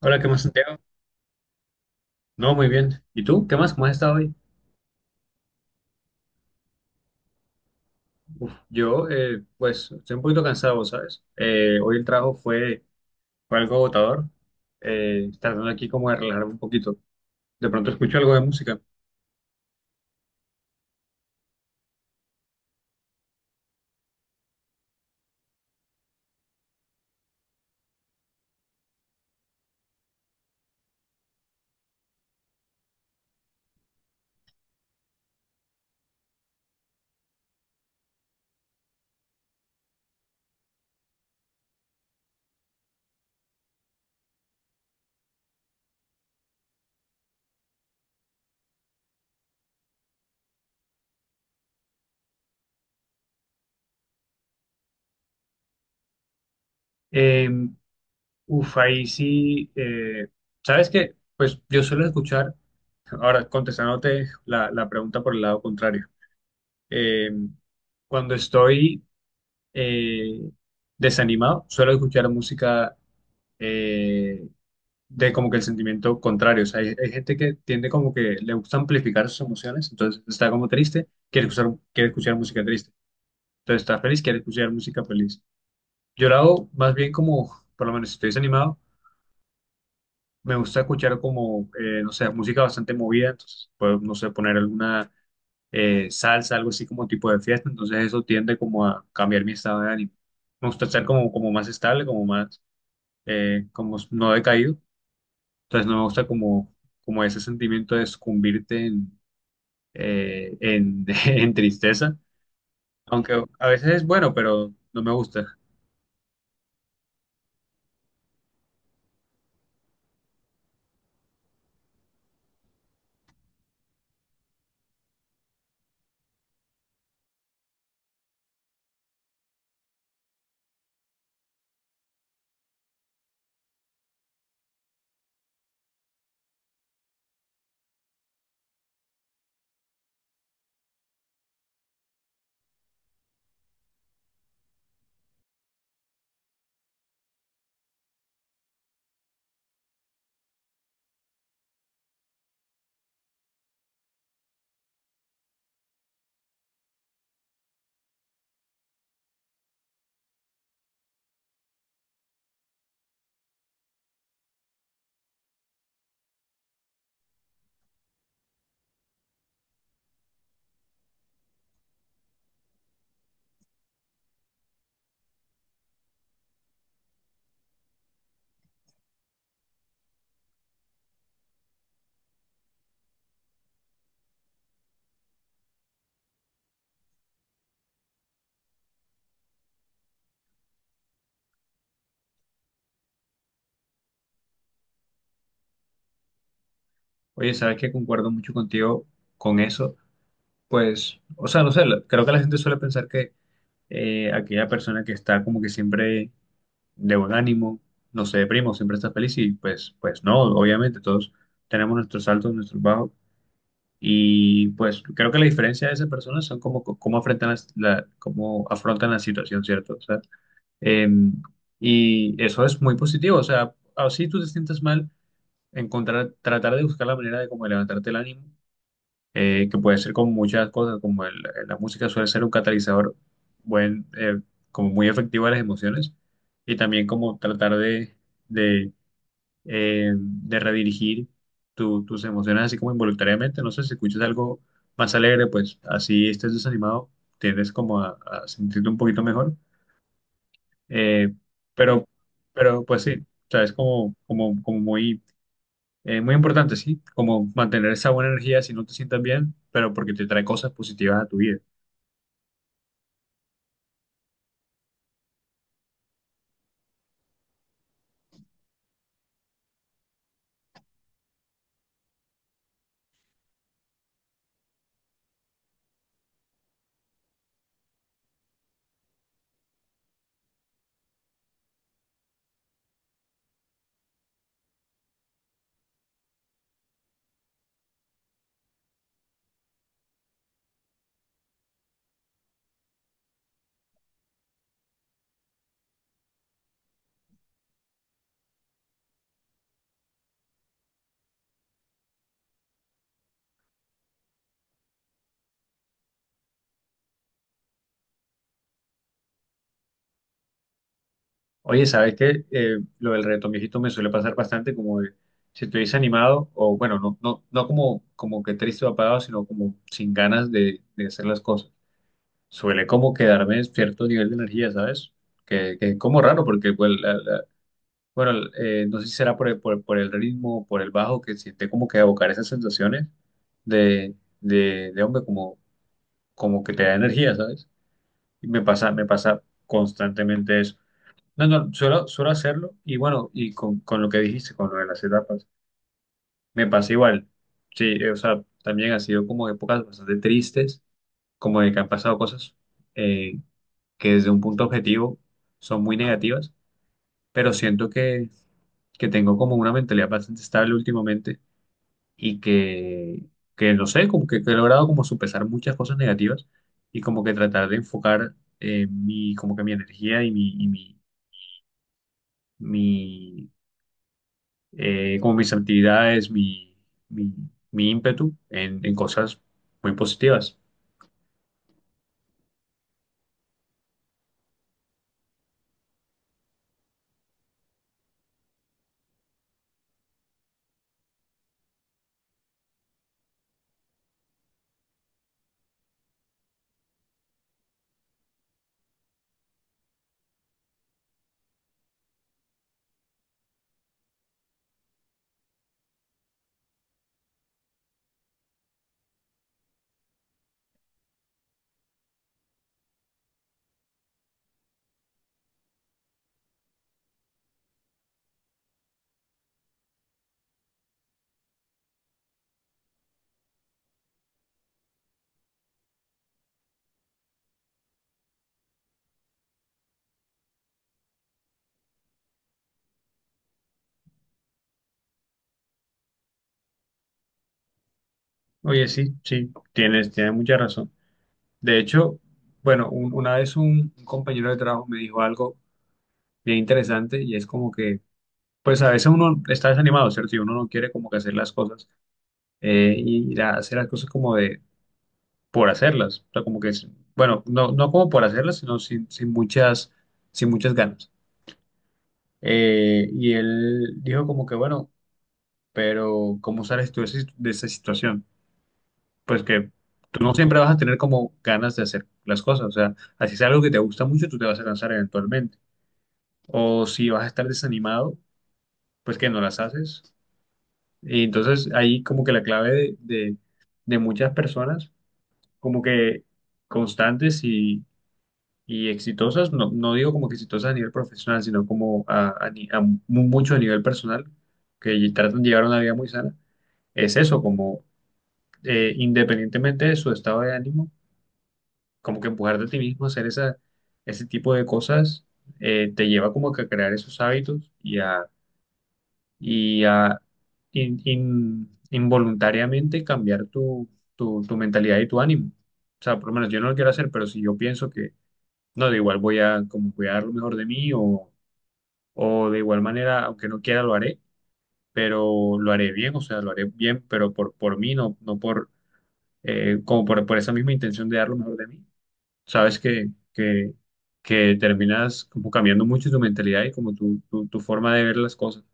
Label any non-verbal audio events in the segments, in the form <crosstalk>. Hola, ¿qué más, Santiago? No, muy bien. ¿Y tú? ¿Qué más? ¿Cómo has estado hoy? Uf, yo, pues, estoy un poquito cansado, ¿sabes? Hoy el trabajo fue algo agotador, tratando aquí como de relajarme un poquito. De pronto escucho algo de música. Eh, Ahí sí, ¿sabes qué? Pues yo suelo escuchar, ahora contestándote la pregunta por el lado contrario. Eh, Cuando estoy eh, desanimado, suelo escuchar música, eh, de como que el sentimiento contrario. O sea, hay gente que tiende como que le gusta amplificar sus emociones, entonces está como triste, quiere escuchar música triste. Entonces está feliz, quiere escuchar música feliz. Yo lo hago más bien como, por lo menos si estoy desanimado, me gusta escuchar como, no sé, música bastante movida, entonces puedo, no sé, poner alguna salsa, algo así como tipo de fiesta, entonces eso tiende como a cambiar mi estado de ánimo. Me gusta estar como, como más estable, como más, como no decaído. Entonces no me gusta como, como ese sentimiento de sucumbirte en, <laughs> en tristeza, aunque a veces es bueno, pero no me gusta. Oye, sabes que concuerdo mucho contigo con eso, pues, o sea, no sé, creo que la gente suele pensar que aquella persona que está como que siempre de buen ánimo, no se deprime, o siempre está feliz y pues, pues no, obviamente todos tenemos nuestros altos, nuestros bajos. Y pues creo que la diferencia de esas personas son cómo, cómo afrontan cómo afrontan la situación, ¿cierto? O sea, eh, y eso es muy positivo. O sea, así tú te sientes mal, encontrar, tratar de buscar la manera de como levantarte el ánimo, que puede ser con muchas cosas, como la música suele ser un catalizador buen, como muy efectivo a las emociones, y también como tratar de redirigir tus emociones así como involuntariamente. No sé, si escuchas algo más alegre, pues así estés desanimado, tiendes como a sentirte un poquito mejor. Eh, pero, pero pues sí, o sea, es como, como, como muy, muy importante, sí, como mantener esa buena energía si no te sientas bien, pero porque te trae cosas positivas a tu vida. Oye, ¿sabes qué? Lo del reto viejito me suele pasar bastante como de, si estoy desanimado o bueno, no, no, no como, como que triste o apagado, sino como sin ganas de hacer las cosas. Suele como quedarme en cierto nivel de energía, ¿sabes? Que es como raro porque, pues, bueno, no sé si será por el ritmo, por el bajo, que siente como que evocar esas sensaciones de, de hombre, como, como que te da energía, ¿sabes? Y me pasa constantemente eso. No, no, suelo hacerlo y bueno, y con lo que dijiste, con lo de las etapas, me pasa igual. Sí, o sea, también ha sido como épocas bastante tristes, como de que han pasado cosas eh, que desde un punto objetivo son muy negativas, pero siento que tengo como una mentalidad bastante estable últimamente y que no sé, como que he logrado como supesar muchas cosas negativas y como que tratar de enfocar mi, como que mi energía y mi, mi como mis actividades, mi, mi ímpetu en cosas muy positivas. Oye, sí, sí, tienes, tienes mucha razón. De hecho, bueno, una vez un compañero de trabajo me dijo algo bien interesante y es como que, pues a veces uno está desanimado, ¿cierto? Y uno no quiere como que hacer las cosas, y hacer las cosas como de por hacerlas. O sea, como que, bueno, no, no como por hacerlas, sino sin, sin muchas, sin muchas ganas. Y él dijo como que, bueno, pero ¿cómo sales tú de esa situación? Pues que tú no siempre vas a tener como ganas de hacer las cosas, o sea, así es algo que te gusta mucho, tú te vas a cansar eventualmente. O si vas a estar desanimado, pues que no las haces. Y entonces ahí como que la clave de, de muchas personas, como que constantes y exitosas, no, no digo como que exitosas a nivel profesional, sino como a, mucho a nivel personal, que tratan de llevar una vida muy sana, es eso, como independientemente de su estado de ánimo, como que empujar de ti mismo a hacer esa, ese tipo de cosas, te lleva como que a crear esos hábitos y a involuntariamente cambiar tu, tu, tu mentalidad y tu ánimo. O sea, por lo menos yo no lo quiero hacer, pero si yo pienso que, no, de igual voy a como voy a dar lo mejor de mí o de igual manera, aunque no quiera, lo haré, pero lo haré bien, o sea, lo haré bien, pero por mí, no, no por, como por esa misma intención de dar lo mejor de mí, sabes que terminas como cambiando mucho tu mentalidad y como tu forma de ver las cosas.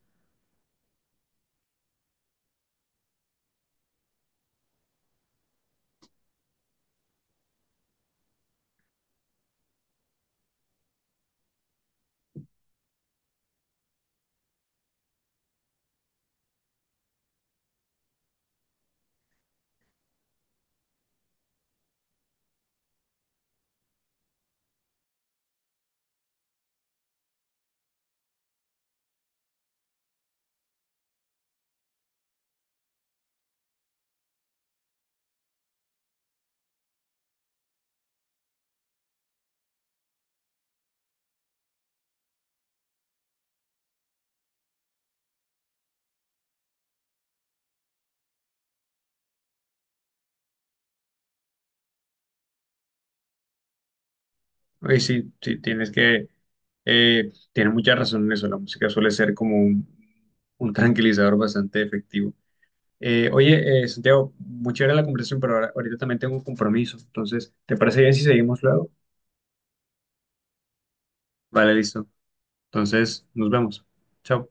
Y sí, sí, tienes que, tienes mucha razón en eso, la música suele ser como un tranquilizador bastante efectivo. Santiago, muy chévere la conversación, pero ahora, ahorita también tengo un compromiso, entonces, ¿te parece bien si seguimos luego? Vale, listo. Entonces, nos vemos. Chao.